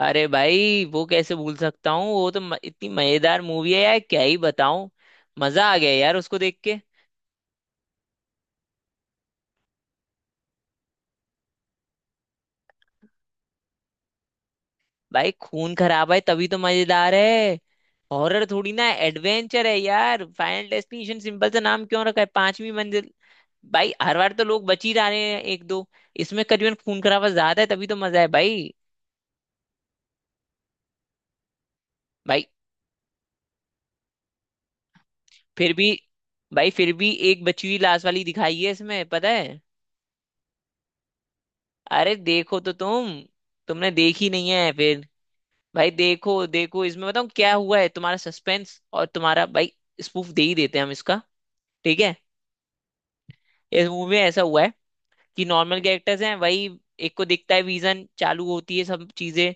अरे भाई वो कैसे भूल सकता हूँ। वो तो इतनी मजेदार मूवी है यार क्या ही बताऊं। मजा आ गया यार उसको देख के। भाई खून खराब है तभी तो मजेदार है। हॉरर थोड़ी ना एडवेंचर है यार। फाइनल डेस्टिनेशन सिंपल सा नाम क्यों रखा है पांचवी मंजिल। भाई हर बार तो लोग बच ही जा रहे हैं एक दो। इसमें करीबन खून खराबा ज्यादा है तभी तो मजा है भाई। भाई फिर भी भाई फिर भी एक बची हुई लाश वाली दिखाई है इसमें पता है। अरे देखो तो तुम। तुमने देखी नहीं है फिर। भाई देखो देखो इसमें बताऊँ क्या हुआ है तुम्हारा सस्पेंस और तुम्हारा भाई स्पूफ दे ही देते हैं हम इसका। ठीक है। इस मूवी में ऐसा हुआ है कि नॉर्मल कैरेक्टर्स हैं वही। एक को दिखता है विजन चालू होती है सब चीजें।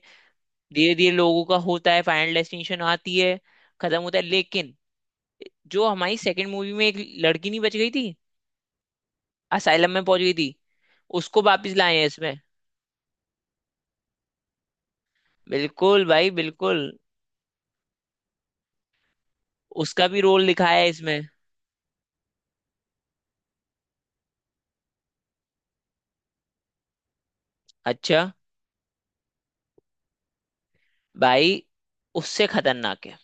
धीरे धीरे लोगों का होता है फाइनल डेस्टिनेशन आती है खत्म होता है। लेकिन जो हमारी सेकंड मूवी में एक लड़की नहीं बच गई थी असाइलम में पहुंच गई थी उसको वापस लाए हैं इसमें। बिल्कुल भाई बिल्कुल। उसका भी रोल दिखाया है इसमें। अच्छा। भाई उससे खतरनाक है।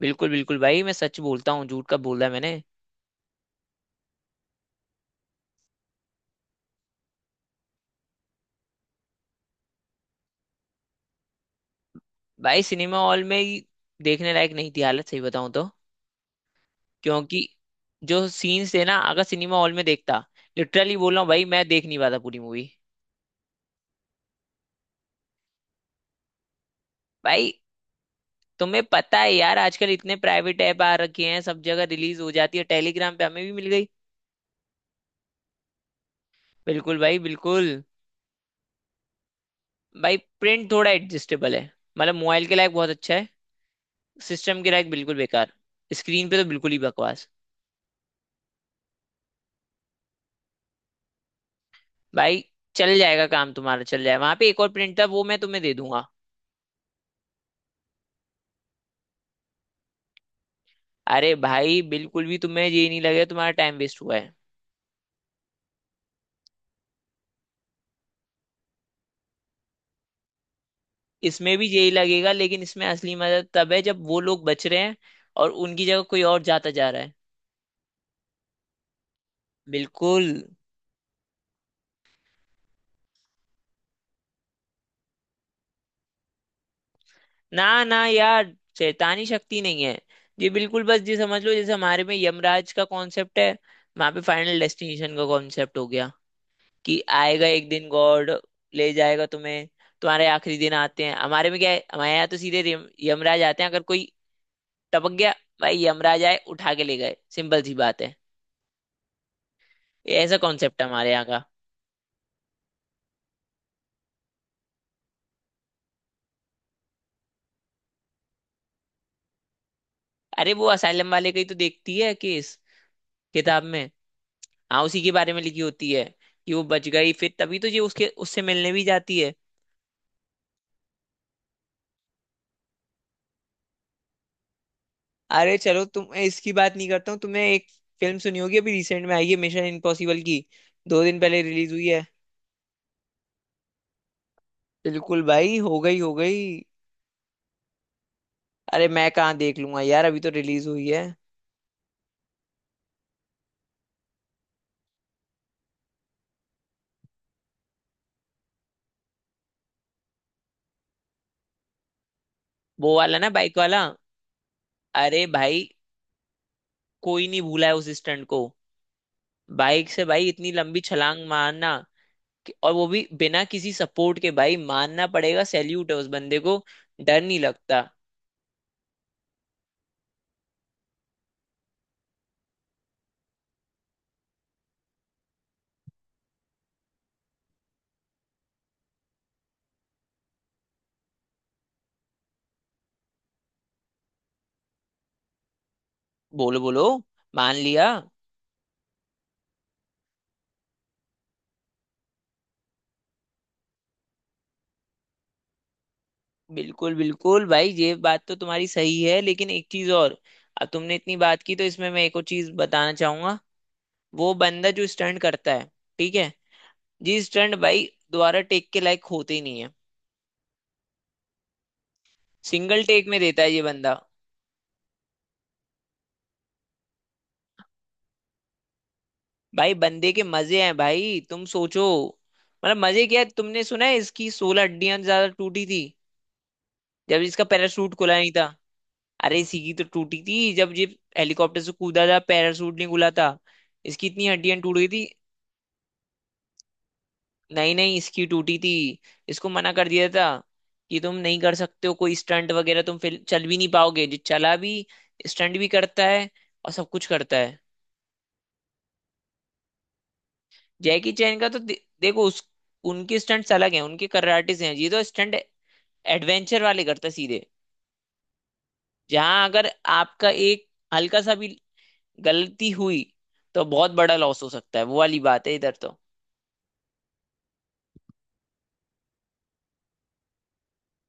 बिल्कुल बिल्कुल भाई मैं सच बोलता हूँ झूठ कब बोला है मैंने। भाई सिनेमा हॉल में ही देखने लायक नहीं थी हालत सही बताऊँ तो। क्योंकि जो सीन्स थे ना अगर सिनेमा हॉल में देखता लिटरली बोल रहा हूँ भाई मैं देख नहीं पाता पूरी मूवी। भाई तुम्हें पता है यार आजकल इतने प्राइवेट ऐप आ रखे हैं सब जगह रिलीज हो जाती है टेलीग्राम पे हमें भी मिल गई। बिल्कुल भाई बिल्कुल। भाई प्रिंट थोड़ा एडजस्टेबल है मतलब मोबाइल के लायक बहुत अच्छा है सिस्टम के लायक बिल्कुल बेकार। स्क्रीन पे तो बिल्कुल ही बकवास। भाई चल जाएगा काम तुम्हारा चल जाएगा वहां पे एक और प्रिंटर वो मैं तुम्हें दे दूंगा। अरे भाई बिल्कुल भी तुम्हें ये नहीं लगेगा तुम्हारा टाइम वेस्ट हुआ है। इसमें भी यही लगेगा लेकिन इसमें असली मजा तब है जब वो लोग बच रहे हैं और उनकी जगह कोई और जाता जा रहा है बिल्कुल। ना ना यार शैतानी शक्ति नहीं है। ये बिल्कुल बस ये समझ लो जैसे हमारे में यमराज का कॉन्सेप्ट है वहां पे फाइनल डेस्टिनेशन का कॉन्सेप्ट हो गया कि आएगा एक दिन गॉड ले जाएगा तुम्हें। तुम्हारे आखिरी दिन आते हैं। हमारे में क्या है हमारे यहाँ तो सीधे यमराज आते हैं अगर कोई टपक गया। भाई यमराज आए उठा के ले गए सिंपल सी बात है। ये ऐसा कॉन्सेप्ट है हमारे यहाँ का। अरे वो असाइलम वाले का ही तो देखती है केस किताब में। हाँ उसी के बारे में लिखी होती है कि वो बच गई फिर तभी तो ये उसके उससे मिलने भी जाती है। अरे चलो तुम इसकी बात नहीं करता हूँ। तुमने एक फिल्म सुनी होगी अभी रिसेंट में आई है मिशन इम्पॉसिबल की। 2 दिन पहले रिलीज हुई है। बिल्कुल भाई हो गई हो गई। अरे मैं कहाँ देख लूंगा यार अभी तो रिलीज हुई है। वो वाला ना बाइक वाला। अरे भाई कोई नहीं भूला है उस स्टंट को। बाइक से भाई इतनी लंबी छलांग मारना कि, और वो भी बिना किसी सपोर्ट के भाई मानना पड़ेगा सैल्यूट है उस बंदे को। डर नहीं लगता। बोलो बोलो। मान लिया। बिल्कुल बिल्कुल भाई ये बात तो तुम्हारी सही है लेकिन एक चीज और। अब तुमने इतनी बात की तो इसमें मैं एक और चीज बताना चाहूंगा। वो बंदा जो स्टंट करता है ठीक है जी स्टंट भाई दोबारा टेक के लायक होते ही नहीं है। सिंगल टेक में देता है ये बंदा। भाई बंदे के मजे हैं भाई तुम सोचो। मतलब मजे क्या है। तुमने सुना है इसकी 16 हड्डियां ज्यादा टूटी थी जब इसका पैराशूट खुला नहीं था। अरे इसी की तो टूटी थी जब ये हेलीकॉप्टर से कूदा था पैराशूट नहीं खुला था इसकी इतनी हड्डियां टूट गई थी। नहीं नहीं इसकी टूटी थी। इसको मना कर दिया था कि तुम नहीं कर सकते हो कोई स्टंट वगैरह तुम फिर चल भी नहीं पाओगे। जो चला भी स्टंट भी करता है और सब कुछ करता है। जैकी चैन का तो देखो। उस उनके स्टंट्स अलग हैं उनके कराटेज हैं। ये तो स्टंट एडवेंचर वाले करते हैं सीधे जहां अगर आपका एक हल्का सा भी गलती हुई तो बहुत बड़ा लॉस हो सकता है वो वाली बात है इधर तो।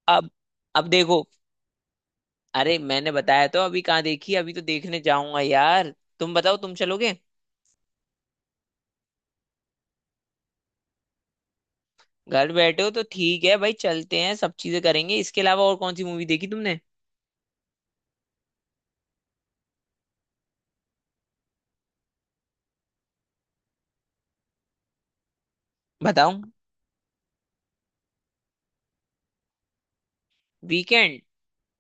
अब अब देखो। अरे मैंने बताया तो अभी कहाँ देखी अभी तो देखने जाऊंगा यार। तुम बताओ तुम चलोगे। घर बैठे हो तो ठीक है भाई चलते हैं सब चीजें करेंगे। इसके अलावा और कौन सी मूवी देखी तुमने बताओ। वीकेंड।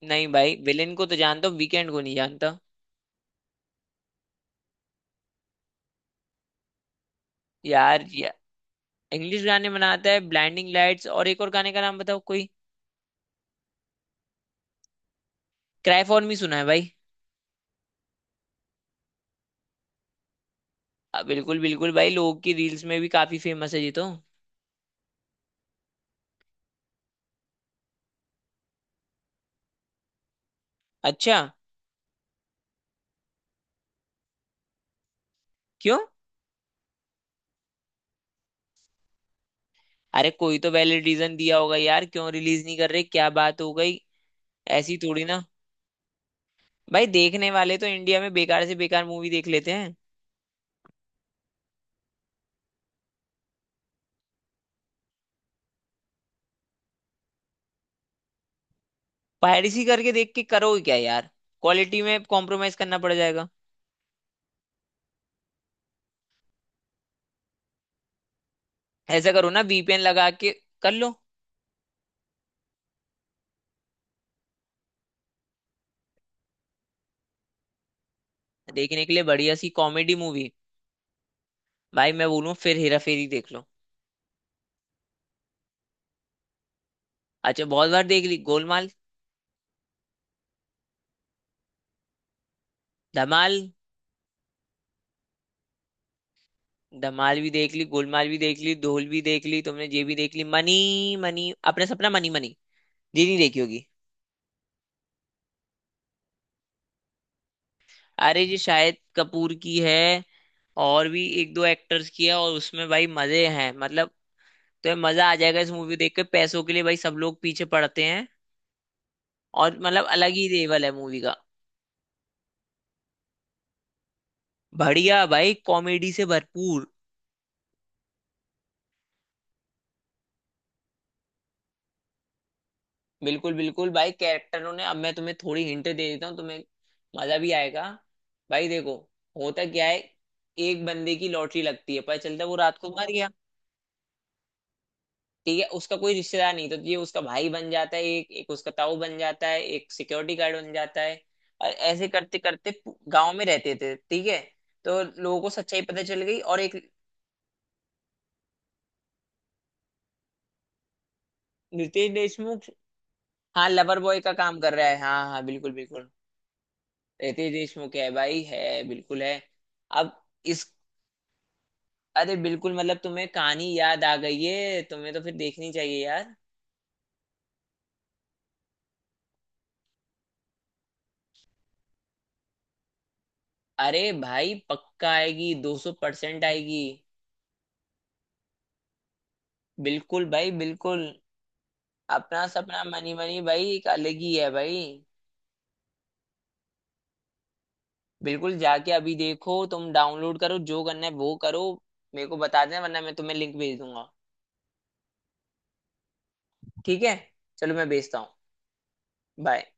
नहीं भाई विलेन को तो जानता हूँ वीकेंड को नहीं जानता यार। इंग्लिश गाने बनाता है ब्लाइंडिंग लाइट्स और एक और गाने का नाम बताओ कोई। क्राई फॉर मी सुना है भाई। बिल्कुल बिल्कुल भाई लोगों की रील्स में भी काफी फेमस है ये तो। अच्छा। क्यों। अरे कोई तो वैलिड रीजन दिया होगा यार क्यों रिलीज नहीं कर रहे क्या बात हो गई। ऐसी थोड़ी ना भाई देखने वाले तो इंडिया में बेकार से बेकार मूवी देख लेते हैं। पायरेसी करके देख के करो क्या यार क्वालिटी में कॉम्प्रोमाइज करना पड़ जाएगा। ऐसा करो ना वीपीएन लगा के कर लो। देखने के लिए बढ़िया सी कॉमेडी मूवी। भाई मैं बोलूँ फिर हेरा फेरी देख लो। अच्छा बहुत बार देख ली गोलमाल। धमाल। धमाल भी देख ली गोलमाल भी देख ली ढोल भी देख ली तुमने ये भी देख ली मनी मनी। अपना सपना मनी मनी ये नहीं देखी होगी। अरे ये शाहिद कपूर की है और भी एक दो एक्टर्स की है। और उसमें भाई मजे हैं मतलब। तो मजा आ जाएगा इस मूवी देख के। पैसों के लिए भाई सब लोग पीछे पड़ते हैं और मतलब अलग ही लेवल है मूवी का। बढ़िया भाई कॉमेडी से भरपूर। बिल्कुल बिल्कुल भाई कैरेक्टरों ने अब मैं तुम्हें थोड़ी हिंट दे देता हूँ तुम्हें। मजा भी आएगा। भाई देखो होता क्या है एक बंदे की लॉटरी लगती है पता चलता है वो रात को मर गया। ठीक है उसका कोई रिश्तेदार नहीं तो ये उसका भाई बन जाता है एक एक उसका ताऊ बन जाता है एक सिक्योरिटी गार्ड बन जाता है और ऐसे करते करते गांव में रहते थे ठीक है। तो लोगों को सच्चाई पता चल गई और एक रितेश देशमुख। हाँ लवर बॉय का काम कर रहा है हाँ हाँ बिल्कुल बिल्कुल। रितेश देशमुख है भाई है बिल्कुल है। अब इस अरे बिल्कुल मतलब तुम्हें कहानी याद आ गई है तुम्हें तो फिर देखनी चाहिए यार। अरे भाई पक्का आएगी 200% आएगी। बिल्कुल भाई बिल्कुल। अपना सपना मनी मनी भाई एक अलग ही है भाई। बिल्कुल जाके अभी देखो तुम डाउनलोड करो जो करना है वो करो। मेरे को बता देना वरना मैं तुम्हें लिंक भेज दूंगा। ठीक है चलो मैं भेजता हूँ। बाय।